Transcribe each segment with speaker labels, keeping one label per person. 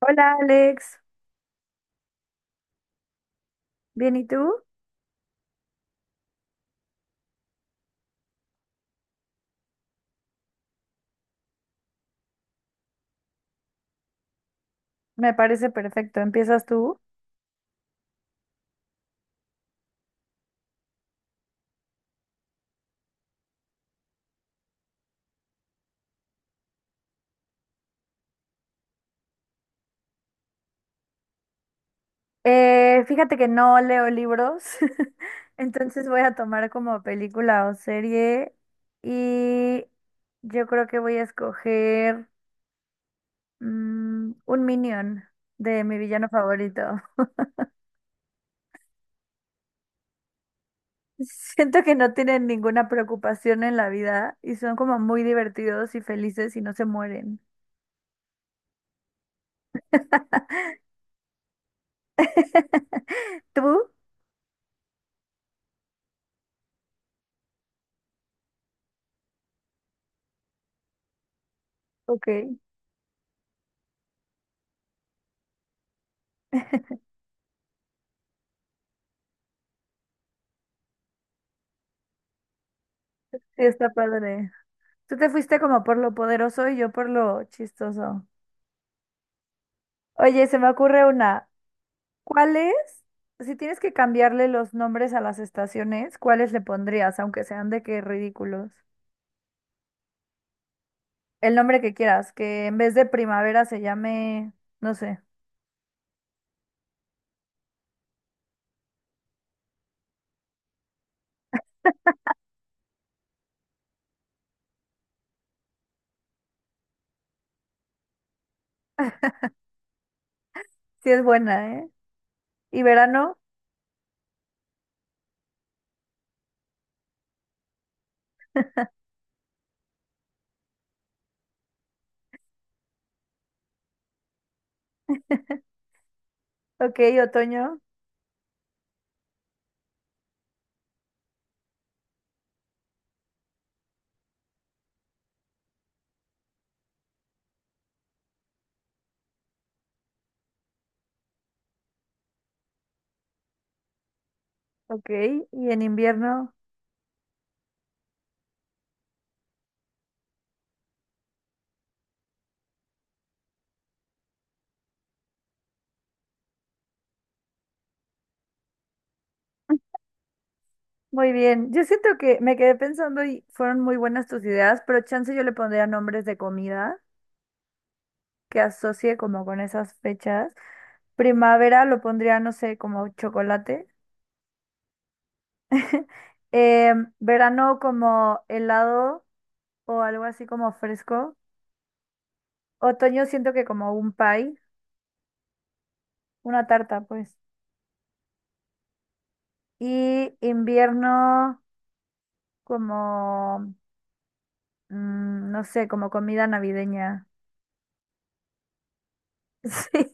Speaker 1: Hola Alex. ¿Bien y tú? Me parece perfecto, empiezas tú. Fíjate que no leo libros, entonces voy a tomar como película o serie y yo creo que voy a escoger un Minion de mi villano favorito. Siento que no tienen ninguna preocupación en la vida y son como muy divertidos y felices y no se mueren. ¿Tú? Ok, sí, está padre. Tú te fuiste como por lo poderoso y yo por lo chistoso. Oye, se me ocurre una. ¿Cuál es? Si tienes que cambiarle los nombres a las estaciones, ¿cuáles le pondrías, aunque sean de qué ridículos? El nombre que quieras, que en vez de primavera se llame, no sé, si es buena, ¿eh? Y verano, ok, otoño, ok, y en invierno, muy bien. Yo siento que me quedé pensando y fueron muy buenas tus ideas, pero chance yo le pondría nombres de comida, que asocie como con esas fechas. Primavera lo pondría, no sé, como chocolate. Verano como helado o algo así como fresco. Otoño siento que como un pie, una tarta, pues. Y invierno como, no sé, como comida navideña. Sí.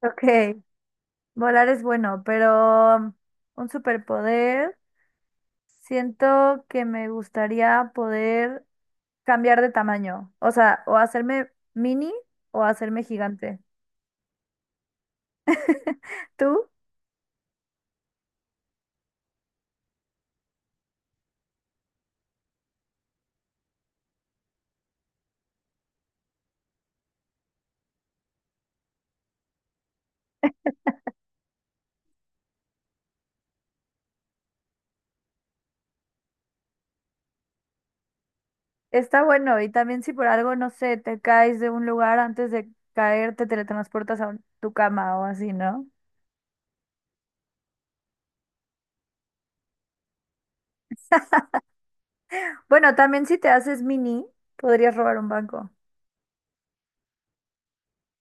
Speaker 1: Ok, volar es bueno, pero un superpoder. Siento que me gustaría poder cambiar de tamaño. O sea, o hacerme mini o hacerme gigante. Tú, está bueno. Y también si por algo, no sé, te caes de un lugar antes de caer, te teletransportas tu cama o así, ¿no? Bueno, también si te haces mini, podrías robar un banco.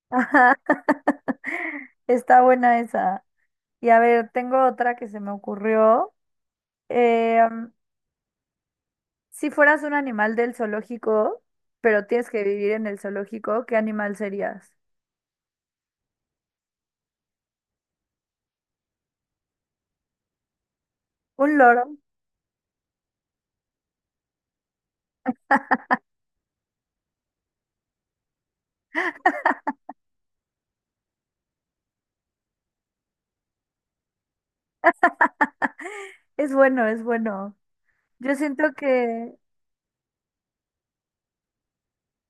Speaker 1: Ajá. Está buena esa. Y a ver, tengo otra que se me ocurrió. Em, si fueras un animal del zoológico, pero tienes que vivir en el zoológico, ¿qué animal serías? ¿Un loro? Es bueno, es bueno. Yo siento que,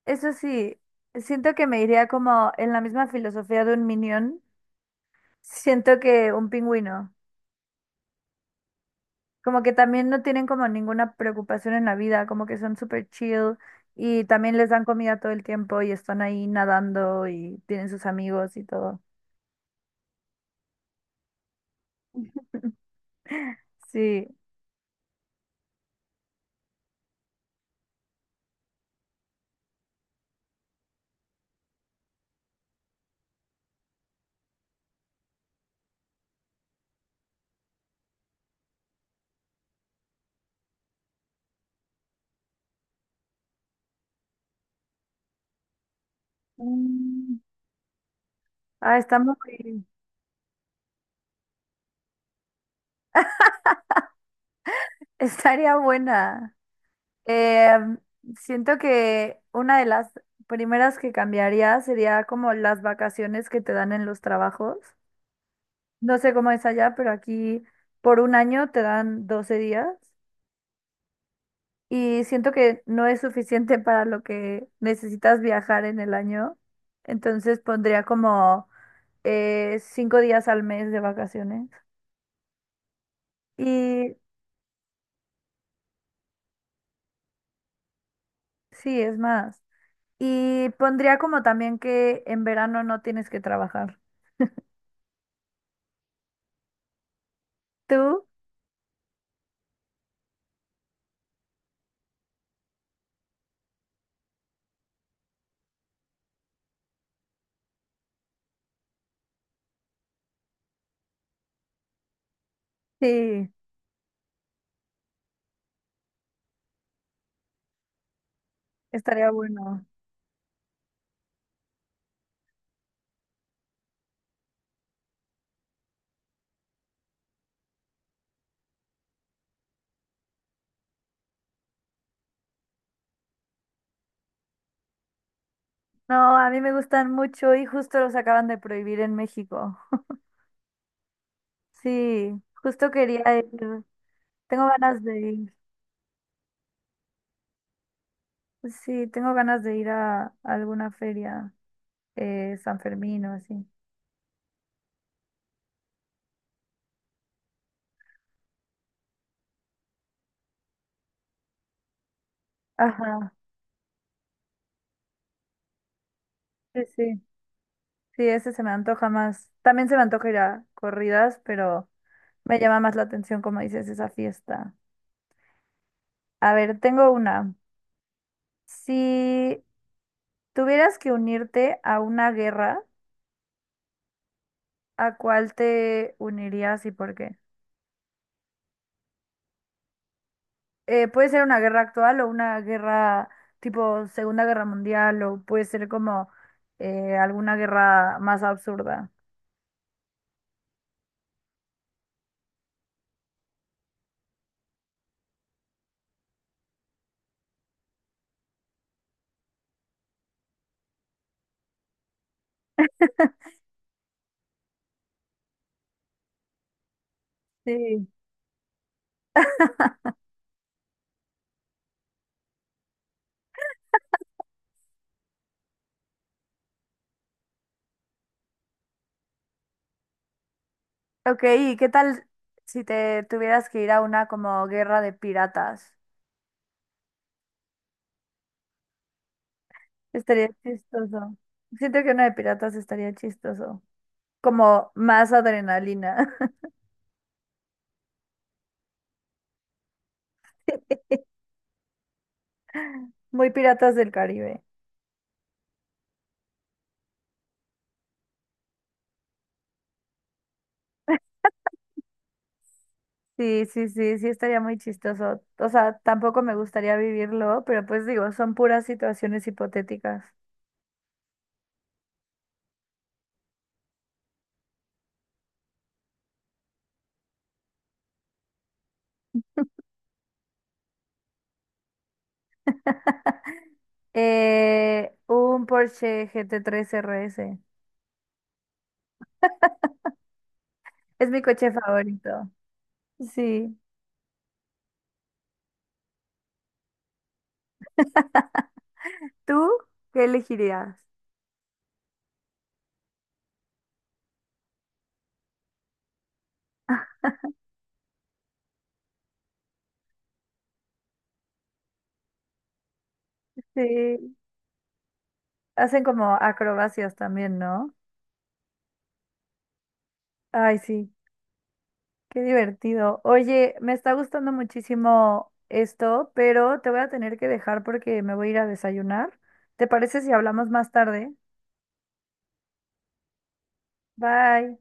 Speaker 1: eso sí, siento que me iría como en la misma filosofía de un minion, siento que un pingüino, como que también no tienen como ninguna preocupación en la vida, como que son súper chill y también les dan comida todo el tiempo y están ahí nadando y tienen sus amigos y todo. Sí. Mm. Ah, está muy... Estaría buena. Eh, Siento que una de las primeras que cambiaría sería como las vacaciones que te dan en los trabajos. No sé cómo es allá, pero aquí por un año te dan 12 días y siento que no es suficiente para lo que necesitas viajar en el año. Entonces pondría como 5 días al mes de vacaciones. Y sí, es más. Y pondría como también que en verano no tienes que trabajar. ¿Tú? Sí. Estaría bueno. No, a mí me gustan mucho y justo los acaban de prohibir en México. Sí, justo quería ir. Tengo ganas de ir. Sí, tengo ganas de ir a alguna feria, San Fermín o así. Ajá, sí, sí. Sí, ese se me antoja más. También se me antoja ir a corridas, pero me llama más la atención, como dices, esa fiesta. A ver, tengo una. Si tuvieras que unirte a una guerra, ¿a cuál te unirías y por qué? Eh, puede ser una guerra actual o una guerra tipo Segunda Guerra Mundial o puede ser como alguna guerra más absurda. Sí. Ok, ¿y qué tal si te tuvieras que ir a una como guerra de piratas? Estaría chistoso. Siento que una de piratas estaría chistoso. Como más adrenalina. Muy piratas del Caribe. Sí, sí, sí, sí, estaría muy chistoso. O sea, tampoco me gustaría vivirlo, pero pues digo, son puras situaciones hipotéticas. Un Porsche GT3 RS. Es mi coche favorito. Sí. ¿Tú qué elegirías? Sí. Hacen como acrobacias también, ¿no? Ay, sí. Qué divertido. Oye, me está gustando muchísimo esto, pero te voy a tener que dejar porque me voy a ir a desayunar. ¿Te parece si hablamos más tarde? Bye.